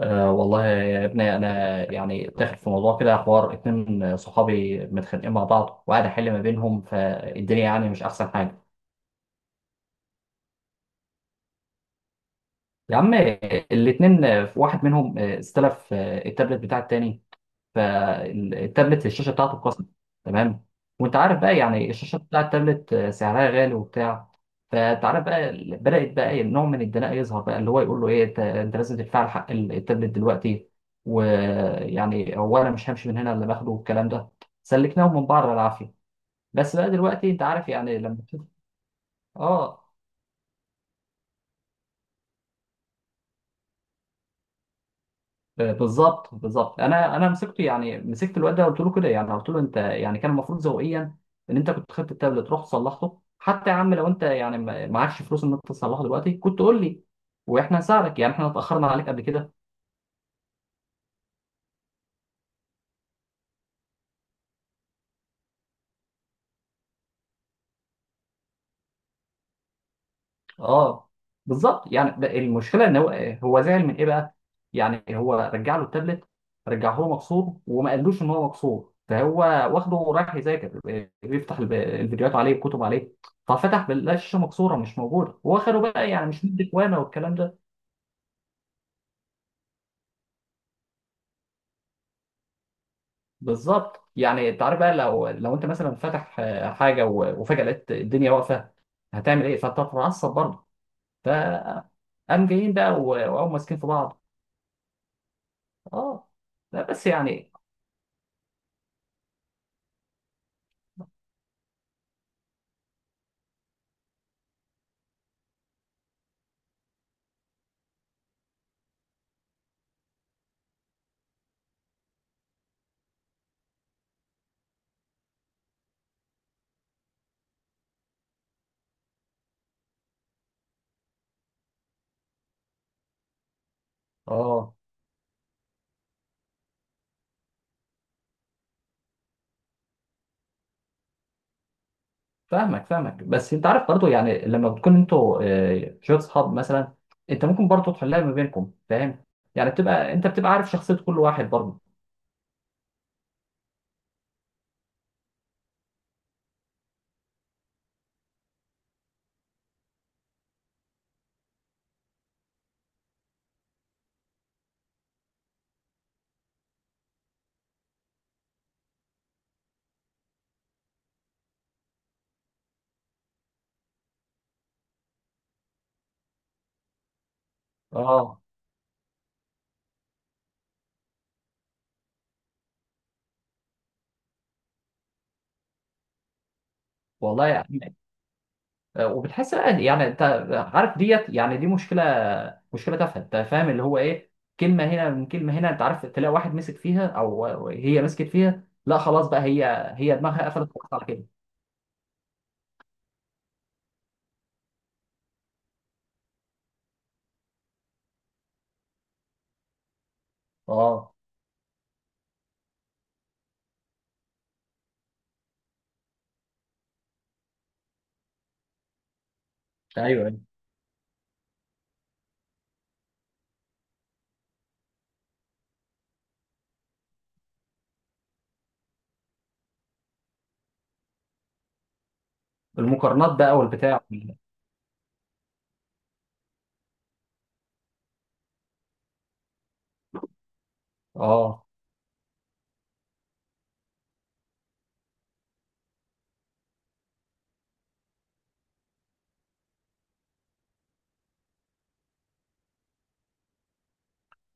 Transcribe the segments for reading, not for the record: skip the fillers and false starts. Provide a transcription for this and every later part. أه والله يا ابني، انا يعني داخل في موضوع كده. حوار اتنين صحابي متخانقين مع بعض وقاعد احل ما بينهم فالدنيا، يعني مش احسن حاجه. يا عم، الاتنين، واحد منهم استلف التابلت بتاع التاني. فالتابلت الشاشه بتاعته اتكسرت. تمام. وانت عارف بقى يعني الشاشه بتاع التابلت سعرها غالي وبتاع. فانت عارف بقى بدات بقى ايه نوع من الدناء يظهر بقى، اللي هو يقول له ايه، انت لازم تدفع لي حق التابلت دلوقتي. ويعني هو انا مش همشي من هنا الا باخده والكلام ده. سلكناهم من بعض بالعافيه. بس بقى دلوقتي انت عارف يعني لما تشوف. اه، بالظبط بالظبط، انا مسكته. يعني مسكت الواد ده قلت له كده، يعني قلت له انت، يعني كان المفروض ذوقيا ان انت كنت خدت التابلت رحت صلحته. حتى يا عم لو انت يعني معكش فلوس ان انت تصلحه دلوقتي، كنت قول لي واحنا نساعدك. يعني احنا اتاخرنا عليك قبل كده. اه، بالظبط. يعني ده المشكله ان هو، هو زعل من ايه بقى؟ يعني هو رجع له التابلت. رجعه له مكسور وما قالوش ان هو مكسور، فهو واخده رايح يذاكر، بيفتح الفيديوهات عليه، الكتب عليه. ففتح بيلاقي الشاشه مكسوره مش موجوده، واخره بقى يعني مش مدي اخوانه والكلام ده. بالظبط. يعني انت عارف بقى، لو انت مثلا فاتح حاجه وفجاه لقيت الدنيا واقفه، هتعمل ايه؟ فهتتعصب برضه. فقام جايين بقى وقاموا ماسكين في بعض. اه، لا بس يعني. اه. فاهمك فاهمك. بس انت عارف برضو، يعني لما بتكون انتوا شويه اصحاب مثلا، انت ممكن برضو تحلها ما بينكم، فاهم. يعني بتبقى انت بتبقى عارف شخصيه كل واحد برضو. اه، والله يعني، وبتحس بقى يعني انت عارف ديت، يعني دي مشكله. مشكله تافهه، انت فاهم اللي هو ايه. كلمه هنا من كلمه هنا، انت عارف، تلاقي واحد مسك فيها او هي مسكت فيها، لا خلاص بقى هي، هي دماغها قفلت خلاص على كده. اه، ايوه، أيوة. المقارنات بقى والبتاع. اه،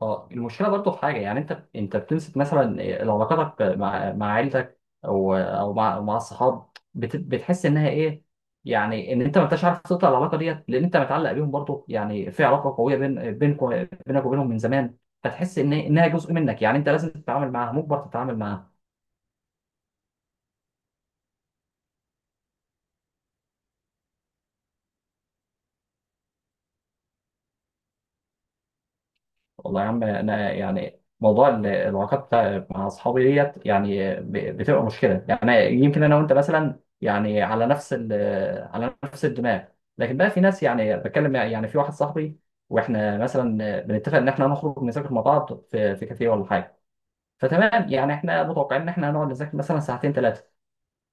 اه، المشكله برضو في حاجه، يعني انت بتمسك مثلا، علاقاتك مع عيلتك او مع الصحاب، بتحس انها ايه، يعني ان انت ما انتش عارف تقطع العلاقه ديت، لان انت متعلق بيهم برضو. يعني في علاقه قويه بينكم، بينك وبينهم من زمان. فتحس ان انها جزء منك، يعني انت لازم تتعامل معاها، مجبر تتعامل معاها. والله يا عم، انا يعني موضوع العلاقات مع اصحابي ديت، يعني بتبقى مشكله. يعني يمكن انا وانت مثلا، يعني على نفس على نفس الدماغ. لكن بقى في ناس يعني بتكلم يعني في واحد صاحبي، واحنا مثلا بنتفق ان احنا نخرج نذاكر مع بعض في كافيه ولا حاجه. فتمام. يعني احنا متوقعين ان احنا هنقعد نذاكر مثلا ساعتين ثلاثه.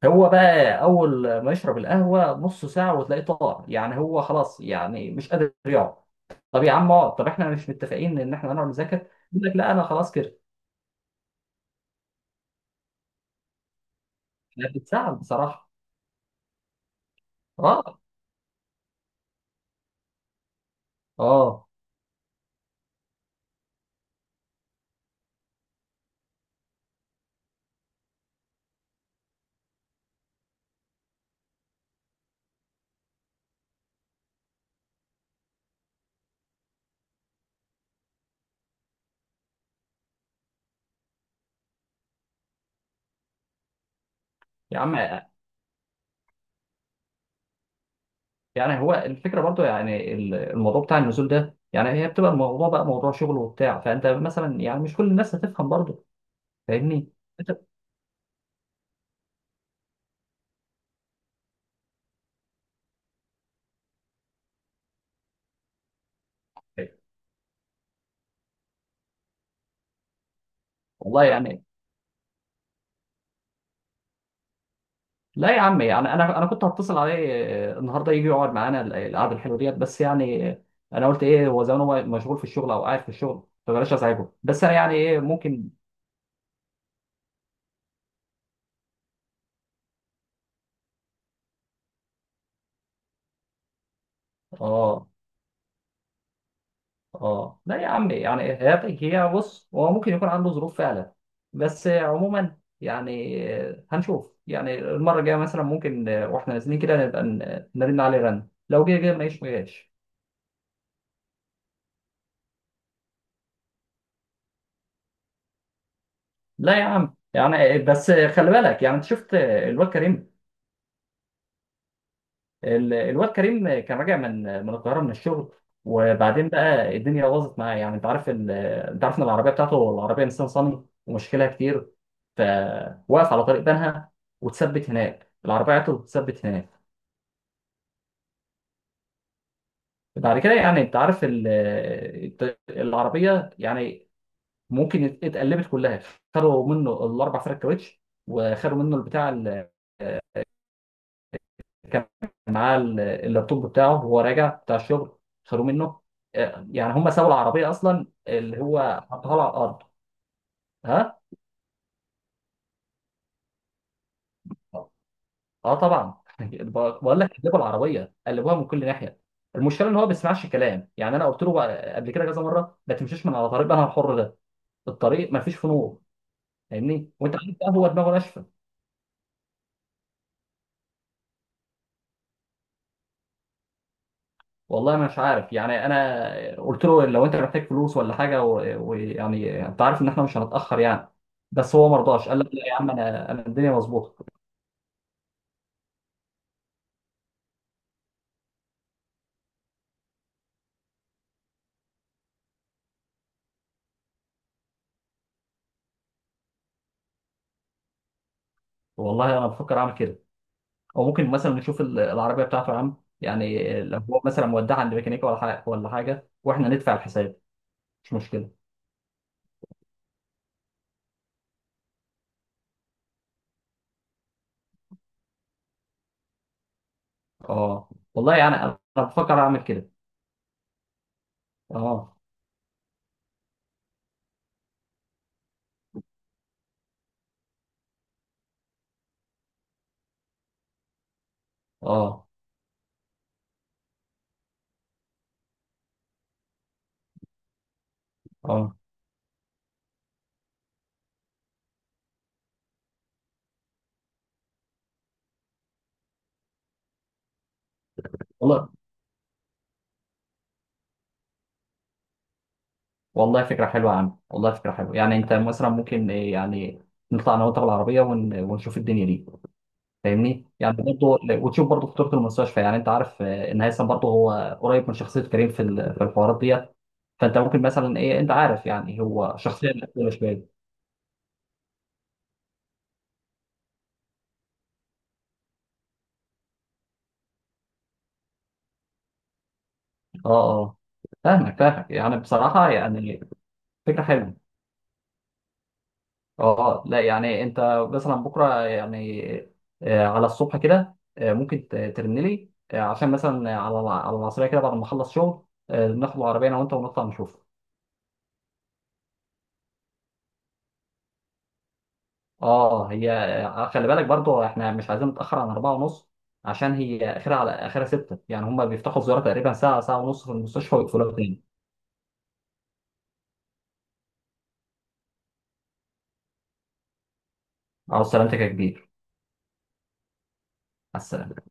هو بقى اول ما يشرب القهوه نص ساعه وتلاقيه طار. يعني هو خلاص، يعني مش قادر يقعد. طب يا عم اقعد، طب احنا مش متفقين ان احنا هنقعد نذاكر؟ يقول لك لا، انا خلاص كده. احنا بنتساعد بصراحه. اه. اه، يا عم، يعني هو الفكره برضو، يعني الموضوع بتاع النزول ده، يعني هي بتبقى الموضوع بقى موضوع شغل وبتاع. فانت مثلا يعني مش كل الناس هتفهم برضو، فاهمني انت. والله يعني. لا يا عم، يعني انا كنت هتصل عليه النهارده يجي يقعد معانا القعده الحلوه ديت، بس يعني انا قلت ايه، هو زمان هو مشغول في الشغل او قاعد في الشغل، فبلاش ازعجه. بس انا يعني ايه، ممكن. اه، اه، لا يا عم، يعني هي بص، هو ممكن يكون عنده ظروف فعلا. بس عموما يعني هنشوف. يعني المره الجايه مثلا ممكن واحنا نازلين كده نبقى نرن عليه رن، لو جه جه، ما جاش ما جاش. لا يا عم يعني بس خلي بالك. يعني انت شفت الواد كريم. الواد كريم كان راجع من القاهره من الشغل. وبعدين بقى الدنيا باظت معاه. يعني انت عارف انت عارف ان العربيه بتاعته العربيه نيسان صني، ومشكلها كتير. فوقف على طريق بنها. واتثبت هناك، العربيه بتاعته اتثبت هناك. بعد كده يعني انت عارف العربيه، يعني ممكن اتقلبت كلها. خدوا منه الاربع فرق كاوتش، وخدوا منه البتاع. كان معاه اللابتوب بتاعه وهو راجع بتاع الشغل، خدوه منه. يعني هم سابوا العربيه اصلا اللي هو حطها له على الارض. ها. اه، طبعا بقول لك قلبوا العربيه، قلبوها من كل ناحيه. المشكله ان هو ما بيسمعش كلام. يعني انا قلت له بقى قبل كده كذا مره، ما تمشيش من على طريق بقى الحر ده. الطريق ما فيش فيه نور، فاهمني. وانت عارف بقى هو دماغه ناشفه. والله انا مش عارف، يعني انا قلت له لو انت محتاج فلوس ولا حاجه ويعني انت عارف ان احنا مش هنتاخر يعني. بس هو ما رضاش، قال لك لا يا عم، انا الدنيا مظبوطه. والله انا بفكر اعمل كده. او ممكن مثلا نشوف العربيه بتاعته يا عم. يعني لو هو مثلا مودعها عند ميكانيكا ولا حاجه ولا حاجه، واحنا ندفع الحساب، مش مشكله. اه، والله يعني، انا بفكر اعمل كده. اه، اه، اه، والله. والله فكره حلوه يا عم، والله فكره حلوه. يعني انت مثلا ممكن، يعني نطلع انا وانت بالعربيه ونشوف الدنيا دي، فاهمني. يعني برضه وتشوف برضه خطوره المستشفى. يعني انت عارف ان هيثم برضه هو قريب من شخصيه كريم في في الحوارات ديت. فانت ممكن مثلا ايه، انت عارف يعني هو شخصيه مقفوله شويه. اه، اه، فاهمك فاهمك، يعني بصراحه يعني. فكره حلوه. اه، لا يعني انت مثلا بكره يعني، على الصبح كده ممكن ترن لي عشان مثلا على على العصريه كده بعد ما اخلص شغل. ناخد العربيه انا وانت ونطلع نشوف. اه، هي خلي بالك برضو، احنا مش عايزين نتاخر عن 4:30. عشان هي اخرها على اخرها 6. يعني هم بيفتحوا الزياره تقريبا ساعه ساعه ونص في المستشفى، ويقفلوها تاني. على سلامتك يا كبير. على السلامه.